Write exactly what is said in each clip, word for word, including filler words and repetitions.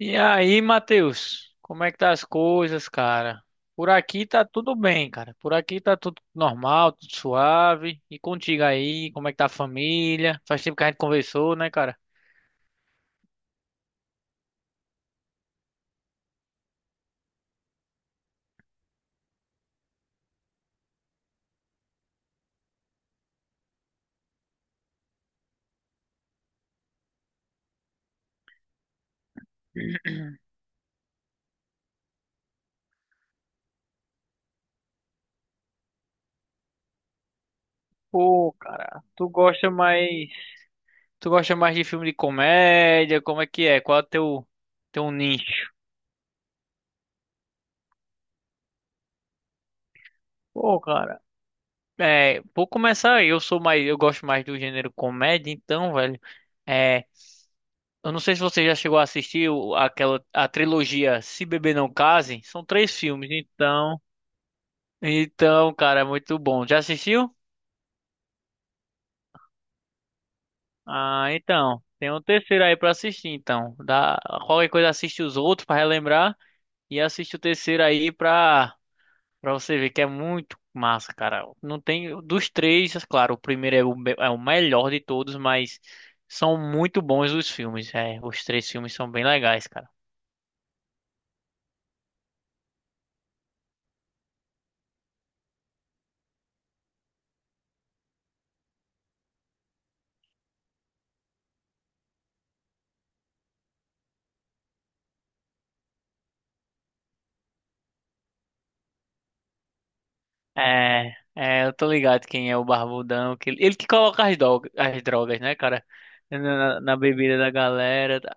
E aí, Matheus, como é que tá as coisas, cara? Por aqui tá tudo bem, cara. Por aqui tá tudo normal, tudo suave. E contigo aí, como é que tá a família? Faz tempo que a gente conversou, né, cara? Pô, cara, tu gosta mais, tu gosta mais de filme de comédia? Como é que é? Qual é o teu teu nicho? Pô, cara, é, vou começar aí. Eu sou mais, eu gosto mais do gênero comédia, então, velho. É, Eu não sei se você já chegou a assistir o- aquela a trilogia Se Beber Não Case. São três filmes, então. Então, cara, é muito bom. Já assistiu? Ah, então. Tem um terceiro aí pra assistir, então. Dá, qualquer coisa assiste os outros pra relembrar e assiste o terceiro aí pra, pra você ver que é muito massa, cara. Não tem dos três, é claro, o primeiro é o, me- é o melhor de todos, mas são muito bons os filmes. É, os três filmes são bem legais, cara. É, é, eu tô ligado quem é o Barbudão. Que, ele que coloca as, droga- as drogas, né, cara? Na, na na bebida da galera. Tá?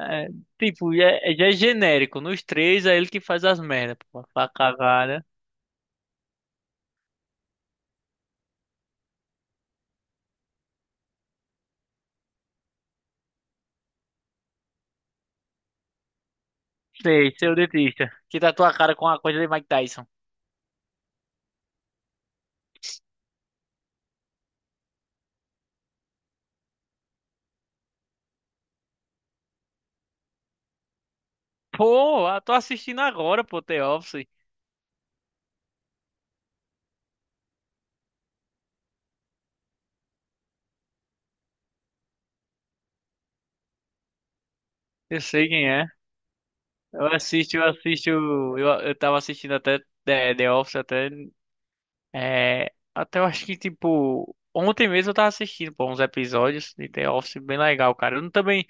É, tipo, já, é- já é genérico. Nos três é ele que faz as merdas, pô. Pra cagada. Sei, seu dentista. Que tá tua cara com a coisa de Mike Tyson. Pô, eu tô assistindo agora, pô, The Office. Eu sei quem é. Eu assisto, eu assisto. Eu, eu tava assistindo até The, The Office até. É, até eu acho que, tipo, ontem mesmo eu tava assistindo, pô, uns episódios de The Office bem legal, cara. Eu não- também,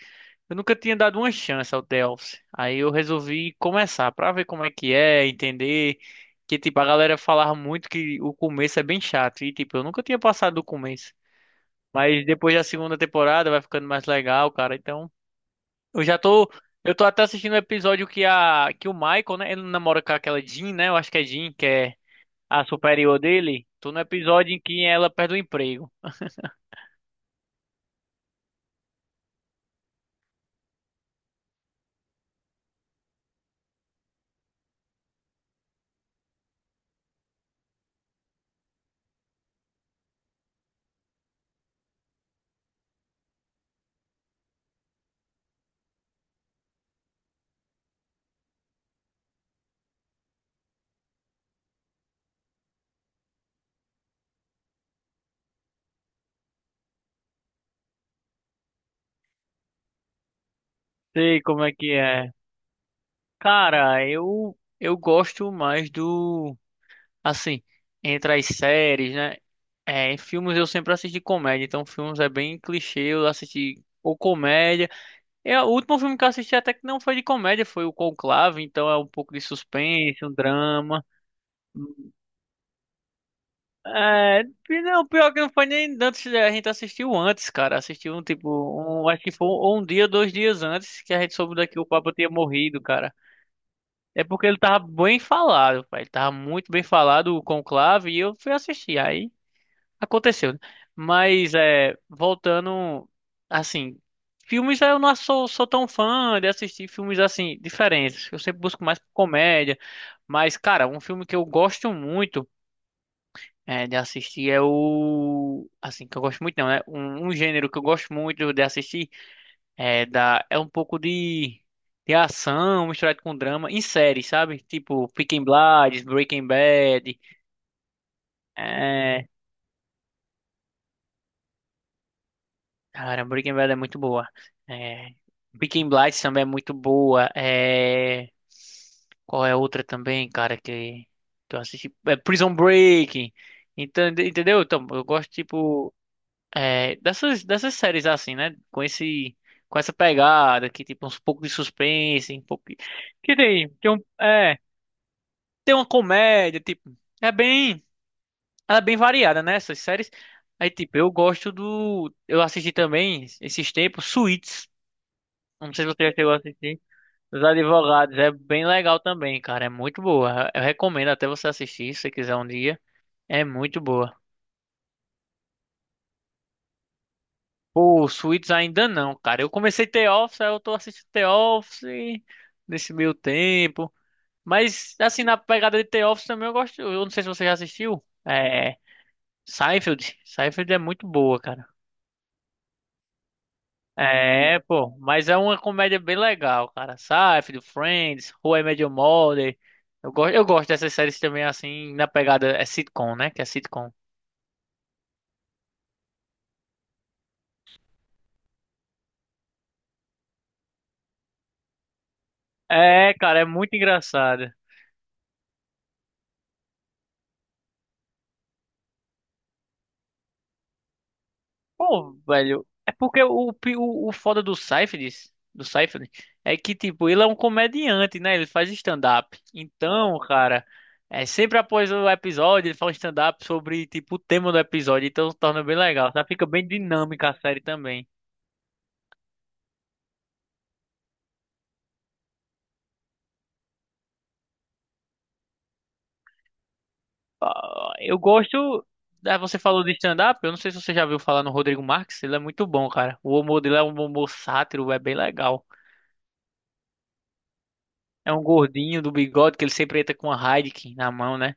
eu nunca tinha dado uma chance ao The Office. Aí eu resolvi começar pra ver como é que é, entender que, tipo, a galera falava muito que o começo é bem chato. E, tipo, eu nunca tinha passado do começo. Mas depois da segunda temporada vai ficando mais legal, cara. Então, eu já tô, eu tô até assistindo o episódio que a, que o Michael, né, ele namora com aquela Jean, né? Eu acho que é Jean, que é a superior dele, tô no episódio em que ela perde o emprego. Sei como é que é. Cara, eu eu gosto mais do assim, entre as séries, né? É, em filmes eu sempre assisti comédia, então filmes é bem clichê, eu assisti ou comédia. É, o último filme que eu assisti até que não foi de comédia, foi o Conclave, então é um pouco de suspense, um drama. É, pi- não, pior que não foi nem antes, a gente assistiu antes, cara. Assistiu um tipo, um, acho que foi um, um dia, dois dias antes que a gente soube daqui o Papa tinha morrido, cara. É porque ele tava bem falado, pai. Ele tava muito bem falado o conclave e eu fui assistir. Aí aconteceu, né? Mas é, voltando, assim, filmes eu não sou, sou tão fã de assistir filmes assim, diferentes. Eu sempre busco mais comédia. Mas, cara, um filme que eu gosto muito é, de assistir é o. Assim, que eu gosto muito, não, né? Um, um gênero que eu gosto muito de assistir é, da, é um pouco de, de ação misturado com drama em série, sabe? Tipo Peaky Blinders, Breaking Bad. É... Cara, Breaking Bad é muito boa. É... Peaky Blinders também é muito boa. É... Qual é a outra também, cara, que, que eu assisti? É Prison Break. Entende- Entendeu? Então, eu gosto, tipo. É, dessas, dessas séries assim, né? Com esse, com essa pegada que tipo uns pouco de suspense, um pouco de- que tem, tem um, é, tem uma comédia, tipo, é bem, ela é bem variada, né? Essas séries. Aí tipo, eu gosto do, eu assisti também esses tempos Suits. Não sei se você já chegou a assistir. Os Advogados é bem legal também, cara. É muito boa. Eu recomendo até você assistir se você quiser um dia. É muito boa. Pô, Suits ainda não, cara. Eu comecei The Office, aí eu tô assistindo The Office nesse meio tempo. Mas, assim, na pegada de The Office também eu gosto. Eu não sei se você já assistiu. É. Seinfeld. Seinfeld é muito boa, cara. É, pô. Mas é uma comédia bem legal, cara. Seinfeld, Friends, How I Met Your Mother. Eu gosto, eu gosto dessas séries também, assim, na pegada. É sitcom, né? Que é sitcom. É, cara, é muito engraçado. Pô, velho, é porque o, pi- o, o foda do Seyfried, do Seyfried, é que, tipo, ele é um comediante, né? Ele faz stand-up. Então, cara, é sempre após o episódio, ele faz um stand-up sobre, tipo, o tema do episódio. Então, torna bem legal. Tá? Fica bem dinâmica a série também. Eu gosto. Ah, você falou de stand-up, eu não sei se você já viu falar no Rodrigo Marques, ele é muito bom, cara. O humor dele é um humor sátiro, é bem legal. É um gordinho do bigode que ele sempre entra com a Heineken na mão, né?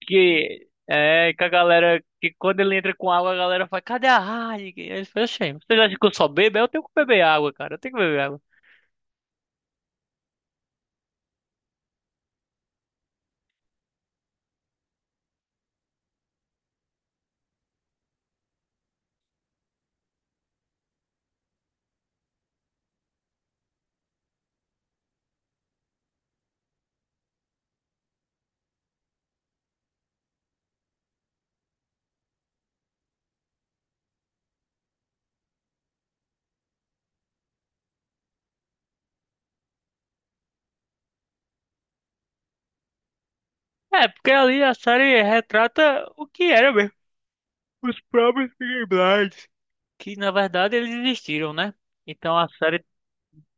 Que é que a galera que quando ele entra com água, a galera fala, cadê a Heineken? Aí eu falei, "Oxê, vocês acham que eu só bebo? Eu tenho que beber água, cara. Eu tenho que beber água. É, porque ali a série retrata o que era mesmo. Os próprios Peaky Blinders. Que na verdade eles existiram, né? Então a série,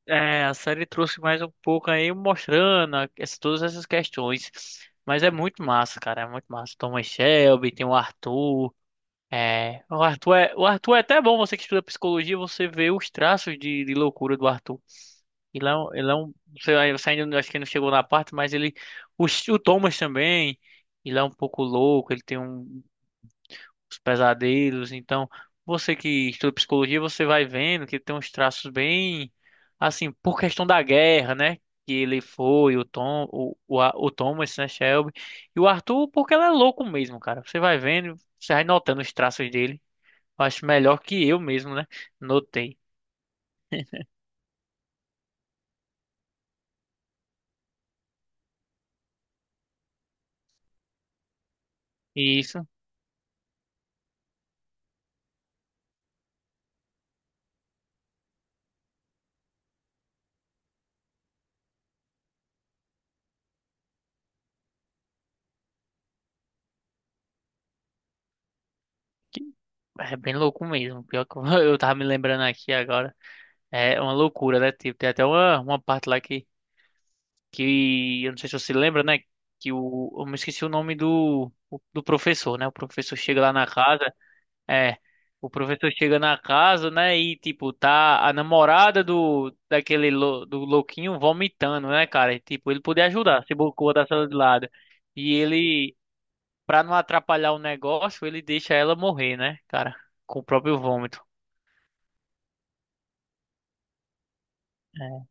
é, a série trouxe mais um pouco aí mostrando a- essa- todas essas questões. Mas é muito massa, cara. É muito massa. Thomas Shelby, tem o Arthur. É, o Arthur é, o Arthur é até bom, você que estuda psicologia, você vê os traços de, de loucura do Arthur. Ele é um, ele é um, você ainda você ainda não- acho que não chegou na parte, mas ele, o, o Thomas também, ele é um pouco louco, ele tem um- uns pesadelos, então você que estuda psicologia, você vai vendo que ele tem uns traços bem, assim, por questão da guerra, né? Que ele foi, o Tom, o, o, A- o Thomas, né, Shelby, e o Arthur, porque ele é louco mesmo, cara. Você vai vendo, você vai notando os traços dele. Acho melhor que eu mesmo, né? Notei. E isso que é bem louco mesmo. Pior que eu eu tava me lembrando aqui agora. É uma loucura, né? Tipo, tem até uma, uma parte lá que, que eu não sei se você lembra, né? Que o, eu me esqueci o nome do, do professor, né? O professor chega lá na casa. É. O professor chega na casa, né? E tipo, tá a namorada do daquele lou- do louquinho vomitando, né, cara? E, tipo, ele podia ajudar, se bocou da sala de lado. E ele Pra não atrapalhar o negócio, ele deixa ela morrer, né, cara? Com o próprio vômito. É.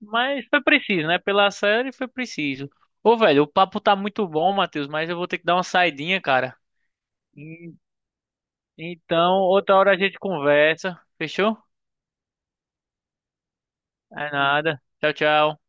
Mas foi preciso, né? Pela série foi preciso. Ô, velho, o papo tá muito bom, Matheus, mas eu vou ter que dar uma saidinha, cara. E- Então, outra hora a gente conversa. Fechou? É nada. Tchau, tchau.